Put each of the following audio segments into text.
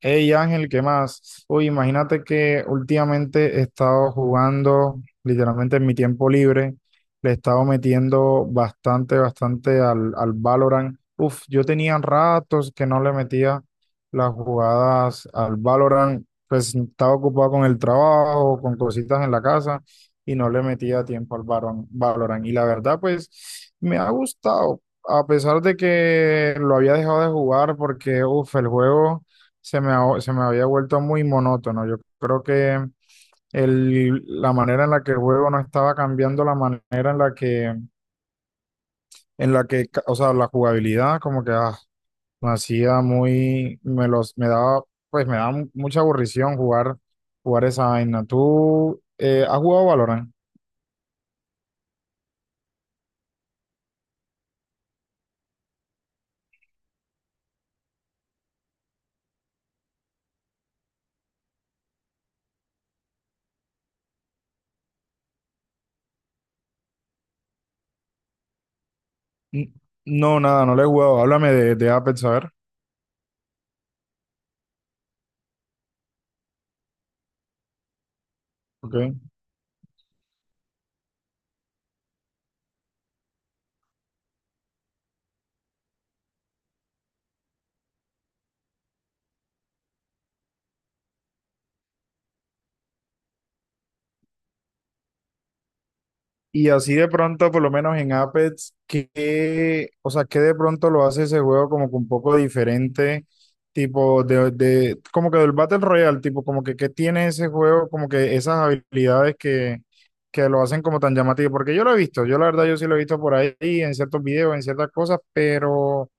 Hey Ángel, ¿qué más? Uy, imagínate que últimamente he estado jugando, literalmente en mi tiempo libre, le he estado metiendo bastante, bastante al Valorant. Uf, yo tenía ratos que no le metía las jugadas al Valorant, pues estaba ocupado con el trabajo, con cositas en la casa y no le metía tiempo al Valorant. Valorant. Y la verdad, pues me ha gustado, a pesar de que lo había dejado de jugar porque, uf, el juego se me había vuelto muy monótono. Yo creo que la manera en la que el juego no estaba cambiando, la manera en la que, en la que, o sea, la jugabilidad como que me hacía muy, me los, me daba, pues me daba mucha aburrición jugar, jugar esa vaina. ¿Tú has jugado Valorant? N- No, nada, no le he jugado. Háblame de Apex, a ver. Ok. Y así de pronto, por lo menos en Apex, que, o sea, que de pronto lo hace ese juego como que un poco diferente, tipo como que del Battle Royale, tipo como que qué tiene ese juego, como que esas habilidades que lo hacen como tan llamativo, porque yo lo he visto, yo la verdad yo sí lo he visto por ahí en ciertos videos, en ciertas cosas, pero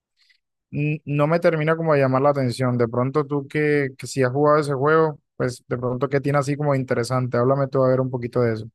no me termina como de llamar la atención. De pronto tú que si has jugado ese juego, pues de pronto qué tiene así como interesante, háblame tú a ver un poquito de eso.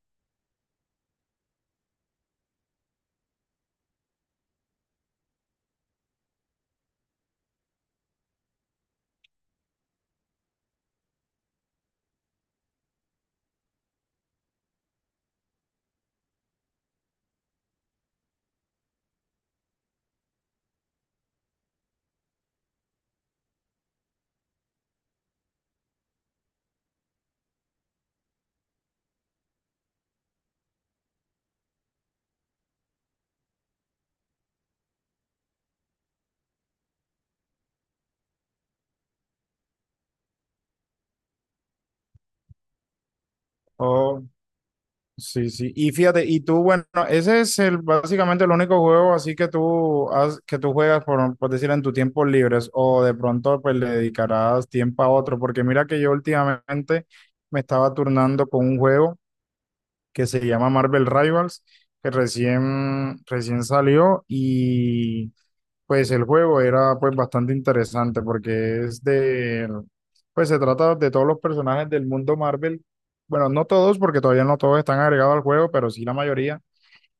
Sí, sí. Y fíjate, y tú, bueno, ese es el básicamente el único juego así que que tú juegas por decir en tus tiempos libres o de pronto pues le dedicarás tiempo a otro, porque mira que yo últimamente me estaba turnando con un juego que se llama Marvel Rivals, que recién recién salió y pues el juego era pues bastante interesante porque pues se trata de todos los personajes del mundo Marvel. Bueno, no todos porque todavía no todos están agregados al juego, pero sí la mayoría.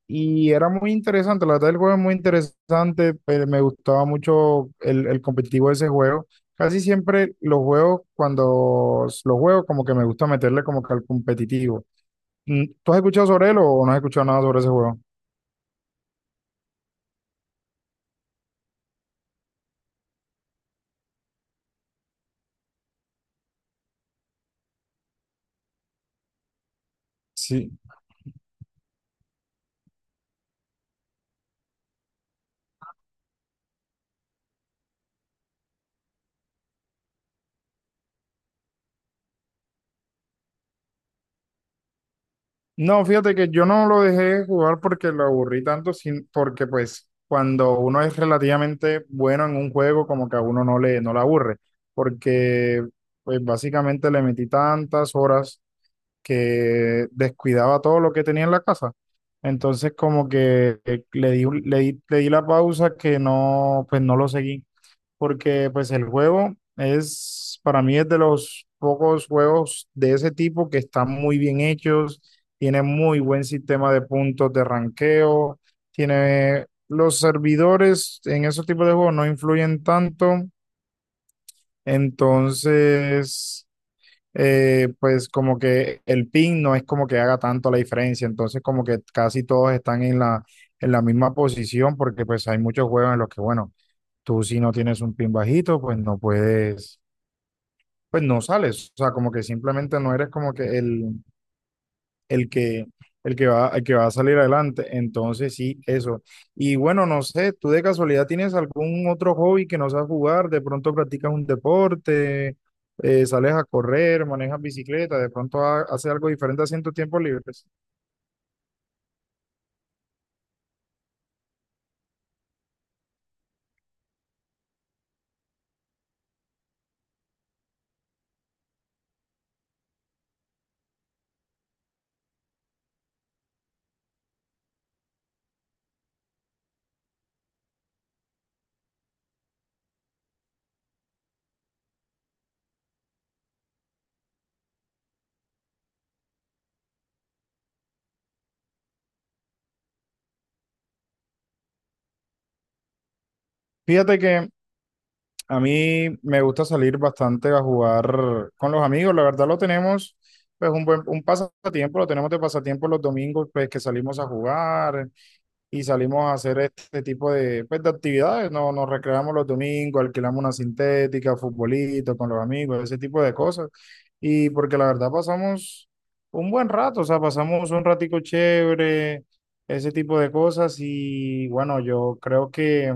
Y era muy interesante, la verdad el juego es muy interesante, pero me gustaba mucho el competitivo de ese juego. Casi siempre los juegos, cuando los juegos como que me gusta meterle como que al competitivo. ¿Tú has escuchado sobre él o no has escuchado nada sobre ese juego? Sí. No, fíjate que yo no lo dejé jugar porque lo aburrí tanto, sin, porque pues cuando uno es relativamente bueno en un juego, como que a uno no le aburre, porque pues básicamente le metí tantas horas que descuidaba todo lo que tenía en la casa. Entonces como que le di, un- le di la pausa que no, pues no lo seguí porque pues el juego es, para mí es de los pocos juegos de ese tipo que están muy bien hechos, tiene muy buen sistema de puntos de ranqueo, tiene los servidores en esos tipos de juegos no influyen tanto, entonces pues como que el ping no es como que haga tanto la diferencia, entonces como que casi todos están en la misma posición porque pues hay muchos juegos en los que bueno, tú si no tienes un pin bajito, pues no puedes, pues no sales. O sea, como que simplemente no eres como que el que, el que va a salir adelante. Entonces sí, eso. Y bueno, no sé, ¿tú de casualidad tienes algún otro hobby que no sabes jugar? De pronto practicas un deporte, sales a correr, manejas bicicleta, de pronto haces algo diferente así en tus tiempos libres. Fíjate que a mí me gusta salir bastante a jugar con los amigos. La verdad lo tenemos, pues un buen un pasatiempo, lo tenemos de pasatiempo los domingos, pues que salimos a jugar y salimos a hacer este tipo de, pues, de actividades. No, nos recreamos los domingos, alquilamos una sintética, futbolito con los amigos, ese tipo de cosas. Y porque la verdad pasamos un buen rato, o sea, pasamos un ratico chévere, ese tipo de cosas. Y bueno, yo creo que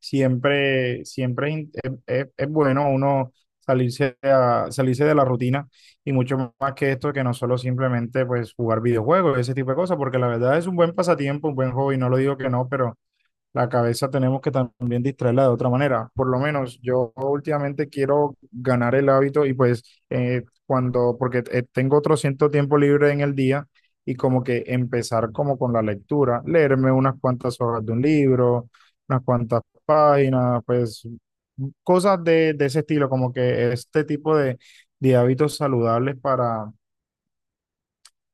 siempre, siempre es, in- es- es bueno uno salirse de la rutina y mucho más que esto, que no solo simplemente pues jugar videojuegos, ese tipo de cosas, porque la verdad es un buen pasatiempo, un buen hobby, no lo digo que no, pero la cabeza tenemos que también distraerla de otra manera. Por lo menos yo últimamente quiero ganar el hábito y pues porque tengo otro cierto tiempo libre en el día y como que empezar como con la lectura, leerme unas cuantas hojas de un libro, unas cuantas páginas, pues cosas de ese estilo, como que este tipo de hábitos saludables para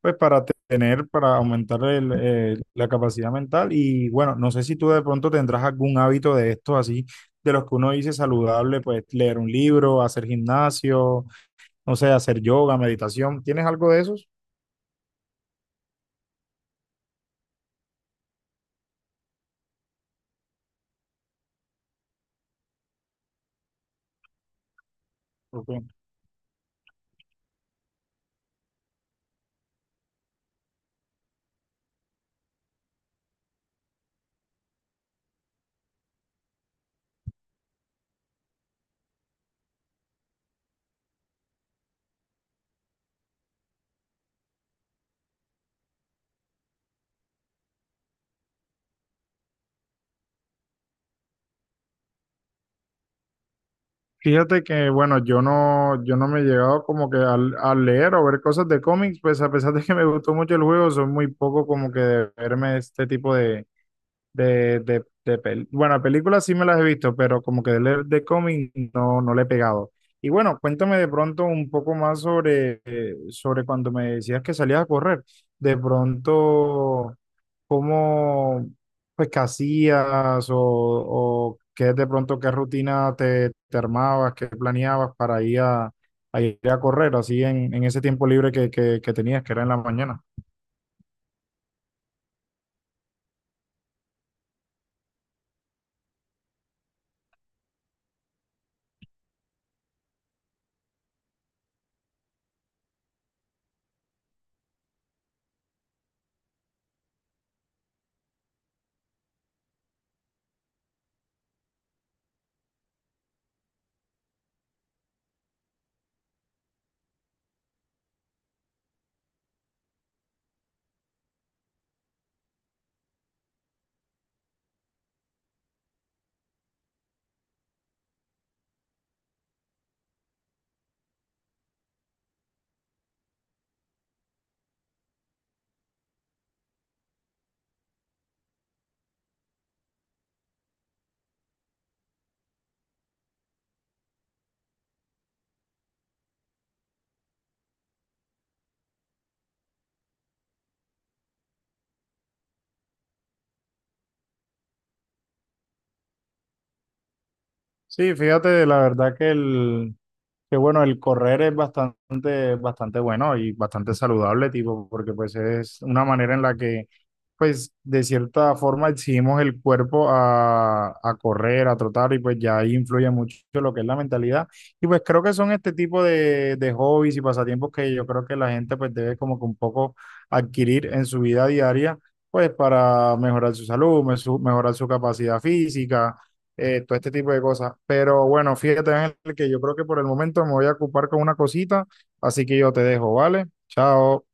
pues para tener, para aumentar la capacidad mental y bueno, no sé si tú de pronto tendrás algún hábito de estos así, de los que uno dice saludable, pues leer un libro, hacer gimnasio, no sé, hacer yoga, meditación, ¿tienes algo de esos? Porque fíjate que bueno, yo no me he llegado como que al, a leer o ver cosas de cómics, pues a pesar de que me gustó mucho el juego, soy muy poco como que de verme este tipo de Bueno, películas sí me las he visto, pero como que leer de cómic no, no le he pegado. Y bueno, cuéntame de pronto un poco más sobre cuando me decías que salías a correr. De pronto, ¿cómo, pues, qué hacías o qué de pronto, qué rutina te armabas, qué planeabas para ir a ir a correr así en ese tiempo libre que tenías, que era en la mañana? Sí, fíjate, la verdad Que bueno, el correr es bastante, bastante bueno y bastante saludable, tipo, porque pues es una manera en la que, pues, de cierta forma exigimos el cuerpo a correr, a trotar, y pues ya ahí influye mucho lo que es la mentalidad. Y pues creo que son este tipo de hobbies y pasatiempos que yo creo que la gente pues debe como que un poco adquirir en su vida diaria, pues para mejorar su salud, mejorar su capacidad física, todo este tipo de cosas. Pero bueno, fíjate, Ángel, que yo creo que por el momento me voy a ocupar con una cosita, así que yo te dejo, ¿vale? Chao.